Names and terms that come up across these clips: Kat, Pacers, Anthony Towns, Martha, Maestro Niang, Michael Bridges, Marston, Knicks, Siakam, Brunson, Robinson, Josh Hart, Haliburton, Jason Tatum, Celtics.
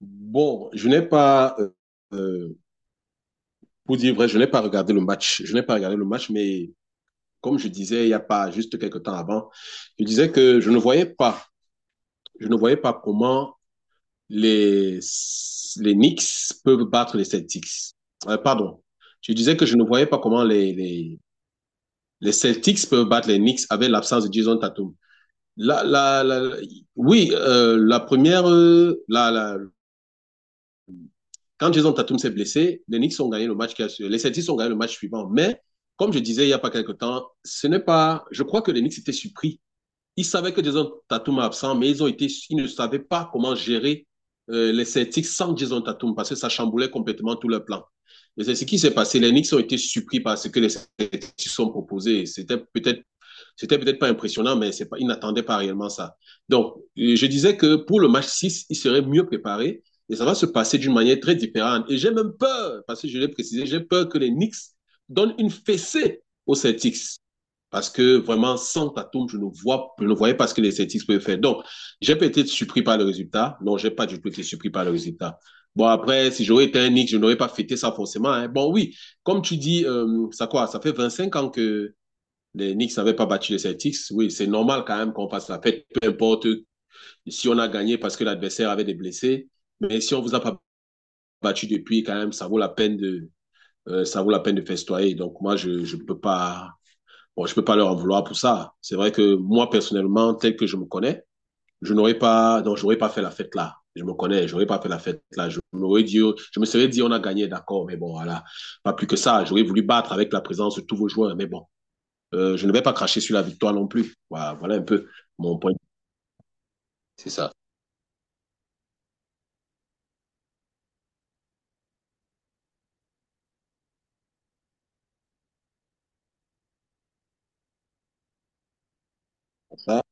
Bon, je n'ai pas, euh, pour dire vrai, je n'ai pas regardé le match. Je n'ai pas regardé le match, mais comme je disais il n'y a pas juste quelques temps avant, je disais que je ne voyais pas, je ne voyais pas comment les, les Knicks peuvent battre les Celtics. Pardon, je disais que je ne voyais pas comment les Celtics peuvent battre les Knicks avec l'absence de Jason Tatum. La, la, la, oui, la première, quand Jason Tatum s'est blessé, les Knicks ont gagné le match, les Celtics ont gagné le match suivant. Mais comme je disais il n'y a pas quelque temps, ce n'est pas. Je crois que les Knicks étaient surpris. Ils savaient que Jason Tatum est absent, mais ils ont été, ils ne savaient pas comment gérer les Celtics sans Jason Tatum parce que ça chamboulait complètement tout leur plan. Et c'est ce qui s'est passé. Les Knicks ont été surpris par ce que les Celtics ont proposé. C'était peut-être pas impressionnant, mais c'est pas, il n'attendait pas réellement ça. Donc, je disais que pour le match 6 il serait mieux préparé et ça va se passer d'une manière très différente. Et j'ai même peur, parce que je l'ai précisé, j'ai peur que les Knicks donnent une fessée aux Celtics. Parce que vraiment, sans Tatum, je ne vois, je ne voyais pas ce que les Celtics pouvaient faire. Donc, j'ai peut-être été surpris par le résultat. Non, j'ai pas du tout été surpris par le résultat. Bon, après, si j'aurais été un Knicks, je n'aurais pas fêté ça forcément. Hein. Bon, oui, comme tu dis, ça quoi, ça fait 25 ans que les Knicks n'avaient pas battu les Celtics. Oui, c'est normal quand même qu'on fasse la fête, peu importe si on a gagné parce que l'adversaire avait des blessés. Mais si on ne vous a pas battu depuis, quand même, ça vaut la peine de, ça vaut la peine de festoyer. Donc moi, je ne peux pas, bon, je ne peux pas leur en vouloir pour ça. C'est vrai que moi personnellement, tel que je me connais, je n'aurais pas, donc j'aurais pas fait la fête là. Je me connais, j'aurais pas fait la fête là. Je me serais dit, on a gagné, d'accord, mais bon, voilà, pas plus que ça. J'aurais voulu battre avec la présence de tous vos joueurs, mais bon, je ne vais pas cracher sur la victoire non plus. Voilà, voilà un peu mon point. C'est ça. Ah,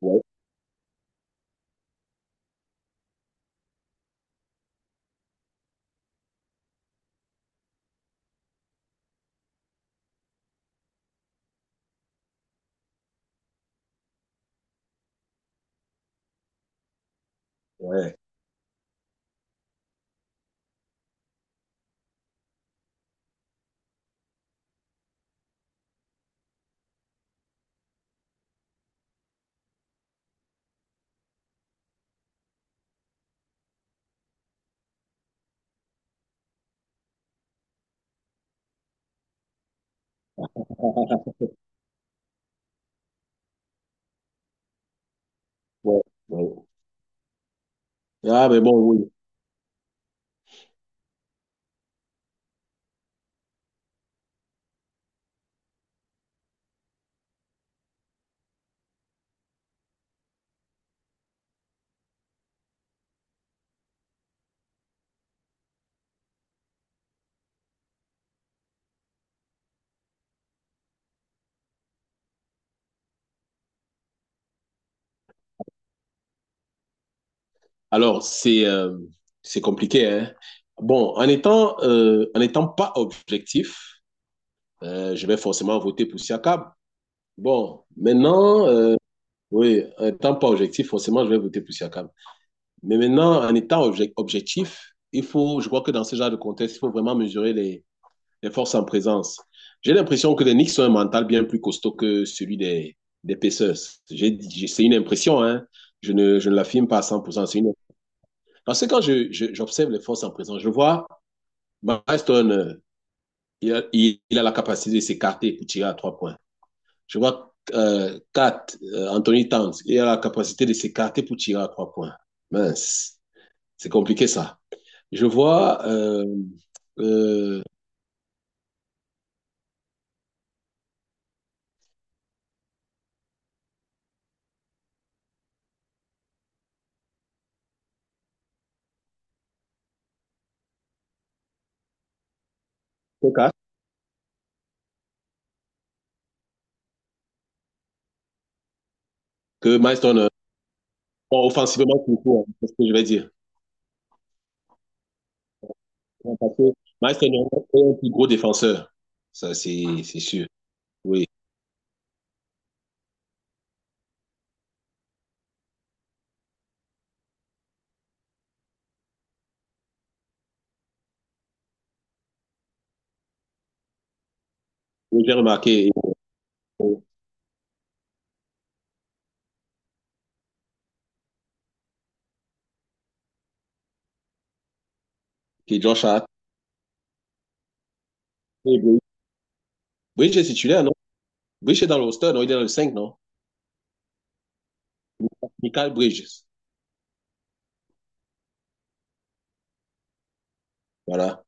ouais, ouais, ouais, ouais. Ah, mais bon, oui. Alors, c'est compliqué. Hein? Bon, en étant pas objectif, je vais forcément voter pour Siakam. Bon, maintenant, oui, en étant pas objectif, forcément, je vais voter pour Siakam. Mais maintenant, en étant objectif, il faut, je crois que dans ce genre de contexte, il faut vraiment mesurer les forces en présence. J'ai l'impression que les Knicks ont un mental bien plus costaud que celui des Pacers. C'est une impression, hein. Je ne l'affirme pas à 100%. C'est une... Parce que j'observe les forces en présence, je vois Marston, il a la capacité de s'écarter pour tirer à 3 points. Je vois Kat, Anthony Towns, il a la capacité de s'écarter pour tirer à trois points. Mince, c'est compliqué ça. Je vois euh, que Marston, euh. Bon, offensivement, c'est tout, hein, c'est ce que je vais dire. Bon, parce que Maestro Niang est un plus gros défenseur. Ça, c'est sûr. Oui. Oui, j'ai remarqué euh, que Josh Hart. Et Bridge. Bridge est titulaire, non? Bridge est dans le roster, non? Il est dans le 5, non? Michael Bridges. Voilà.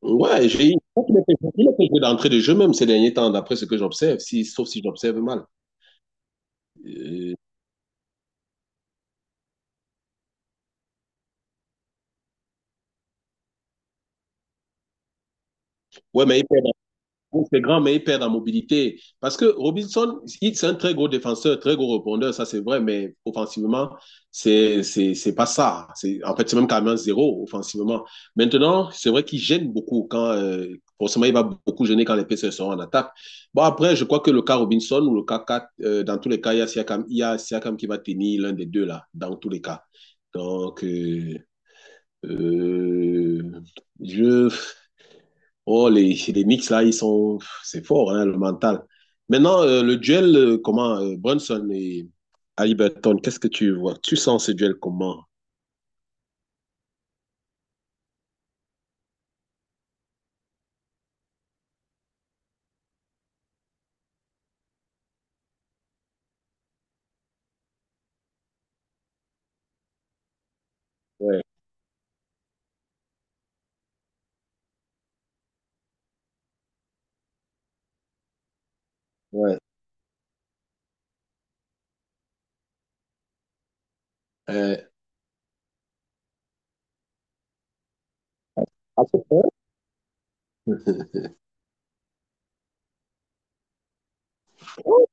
Ouais, je crois qu'il a fait il a fait jouer d'entrée de jeu même ces derniers temps, d'après ce que j'observe, si, sauf si j'observe mal. Euh, ouais, mais donc, c'est grand, mais il perd en mobilité. Parce que Robinson, c'est un très gros défenseur, très gros rebondeur, ça c'est vrai, mais offensivement, c'est pas ça. C'est, en fait, c'est même carrément zéro offensivement. Maintenant, c'est vrai qu'il gêne beaucoup quand, forcément, il va beaucoup gêner quand les PCS seront en attaque. Bon, après, je crois que le cas Robinson ou le cas 4, dans tous les cas, il y a Siakam, il y a Siakam qui va tenir l'un des deux là, dans tous les cas. Donc, euh, je. Oh, les Knicks, là, ils sont. C'est fort, hein, le mental. Maintenant, le duel, comment Brunson et Haliburton, qu'est-ce que tu vois? Tu sens ce duel comment? Ouais, ouais. Euh, à ce point, ouais,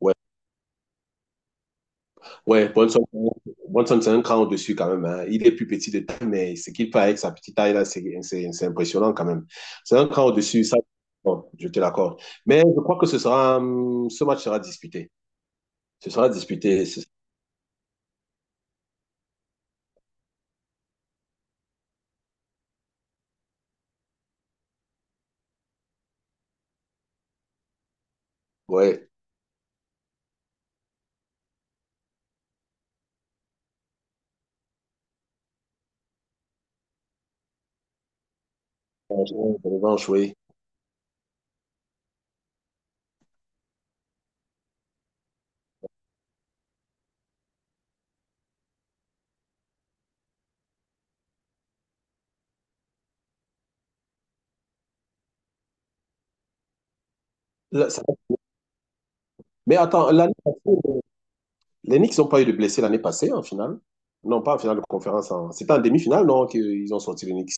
ouais, ouais. Brunson, Brunson, c'est un cran au-dessus quand même. Hein. Il est plus petit de taille, mais ce qu'il fait avec sa petite taille là, c'est impressionnant quand même. C'est un cran au-dessus, ça, bon, je te l'accorde. Mais je crois que ce sera, ce match sera disputé. Ce sera disputé. Ce- ouais, revanche, oui. Là, ça- mais attends, l'année passée, les Knicks n'ont pas eu de blessés l'année passée en finale. Non, pas en finale de conférence. En- c'était en demi-finale, non, qu'ils ont sorti les Knicks.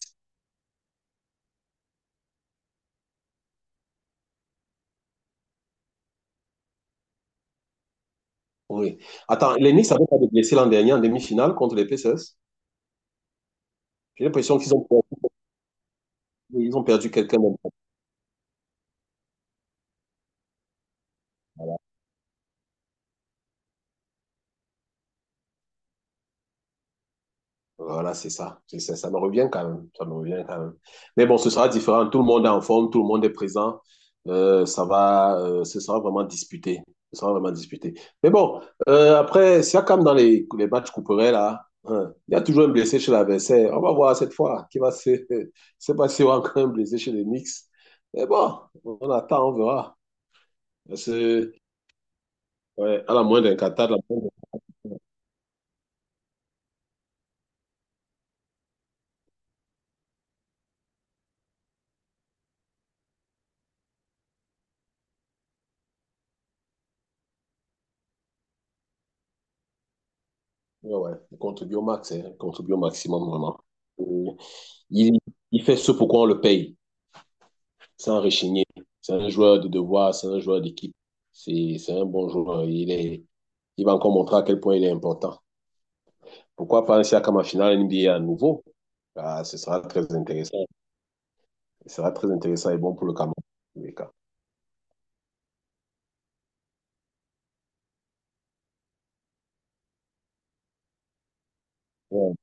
Oui. Attends, les Knicks n'avaient pas de blessés l'an dernier en demi-finale contre les Pacers. J'ai l'impression qu'ils ont perdu, ils ont perdu quelqu'un. Voilà, c'est ça. C'est ça. Ça me revient quand même. Ça me revient quand même. Mais bon, ce sera différent. Tout le monde est en forme, tout le monde est présent. Ce sera vraiment disputé. Ce sera vraiment disputé. Mais bon, après, si comme dans les matchs couperets, là, hein, il y a toujours un blessé chez l'adversaire. On va voir cette fois qui va se. C'est pas si on a encore un blessé chez les Knicks. Mais bon, on attend, on verra. Parce que, ouais, à la moindre d'un catat, la moindre, ouais, contribue au max, hein, contribue au maximum, vraiment. Et Il, il fait ce pourquoi on le paye. C'est un rechigné. C'est un joueur de devoir, c'est un joueur d'équipe. C'est un bon joueur. Il va encore montrer à quel point il est important. Pourquoi pas un Siakam en finale NBA à nouveau? Ah, ce sera très intéressant. Ce sera très intéressant et bon pour le Cameroun. Ouais.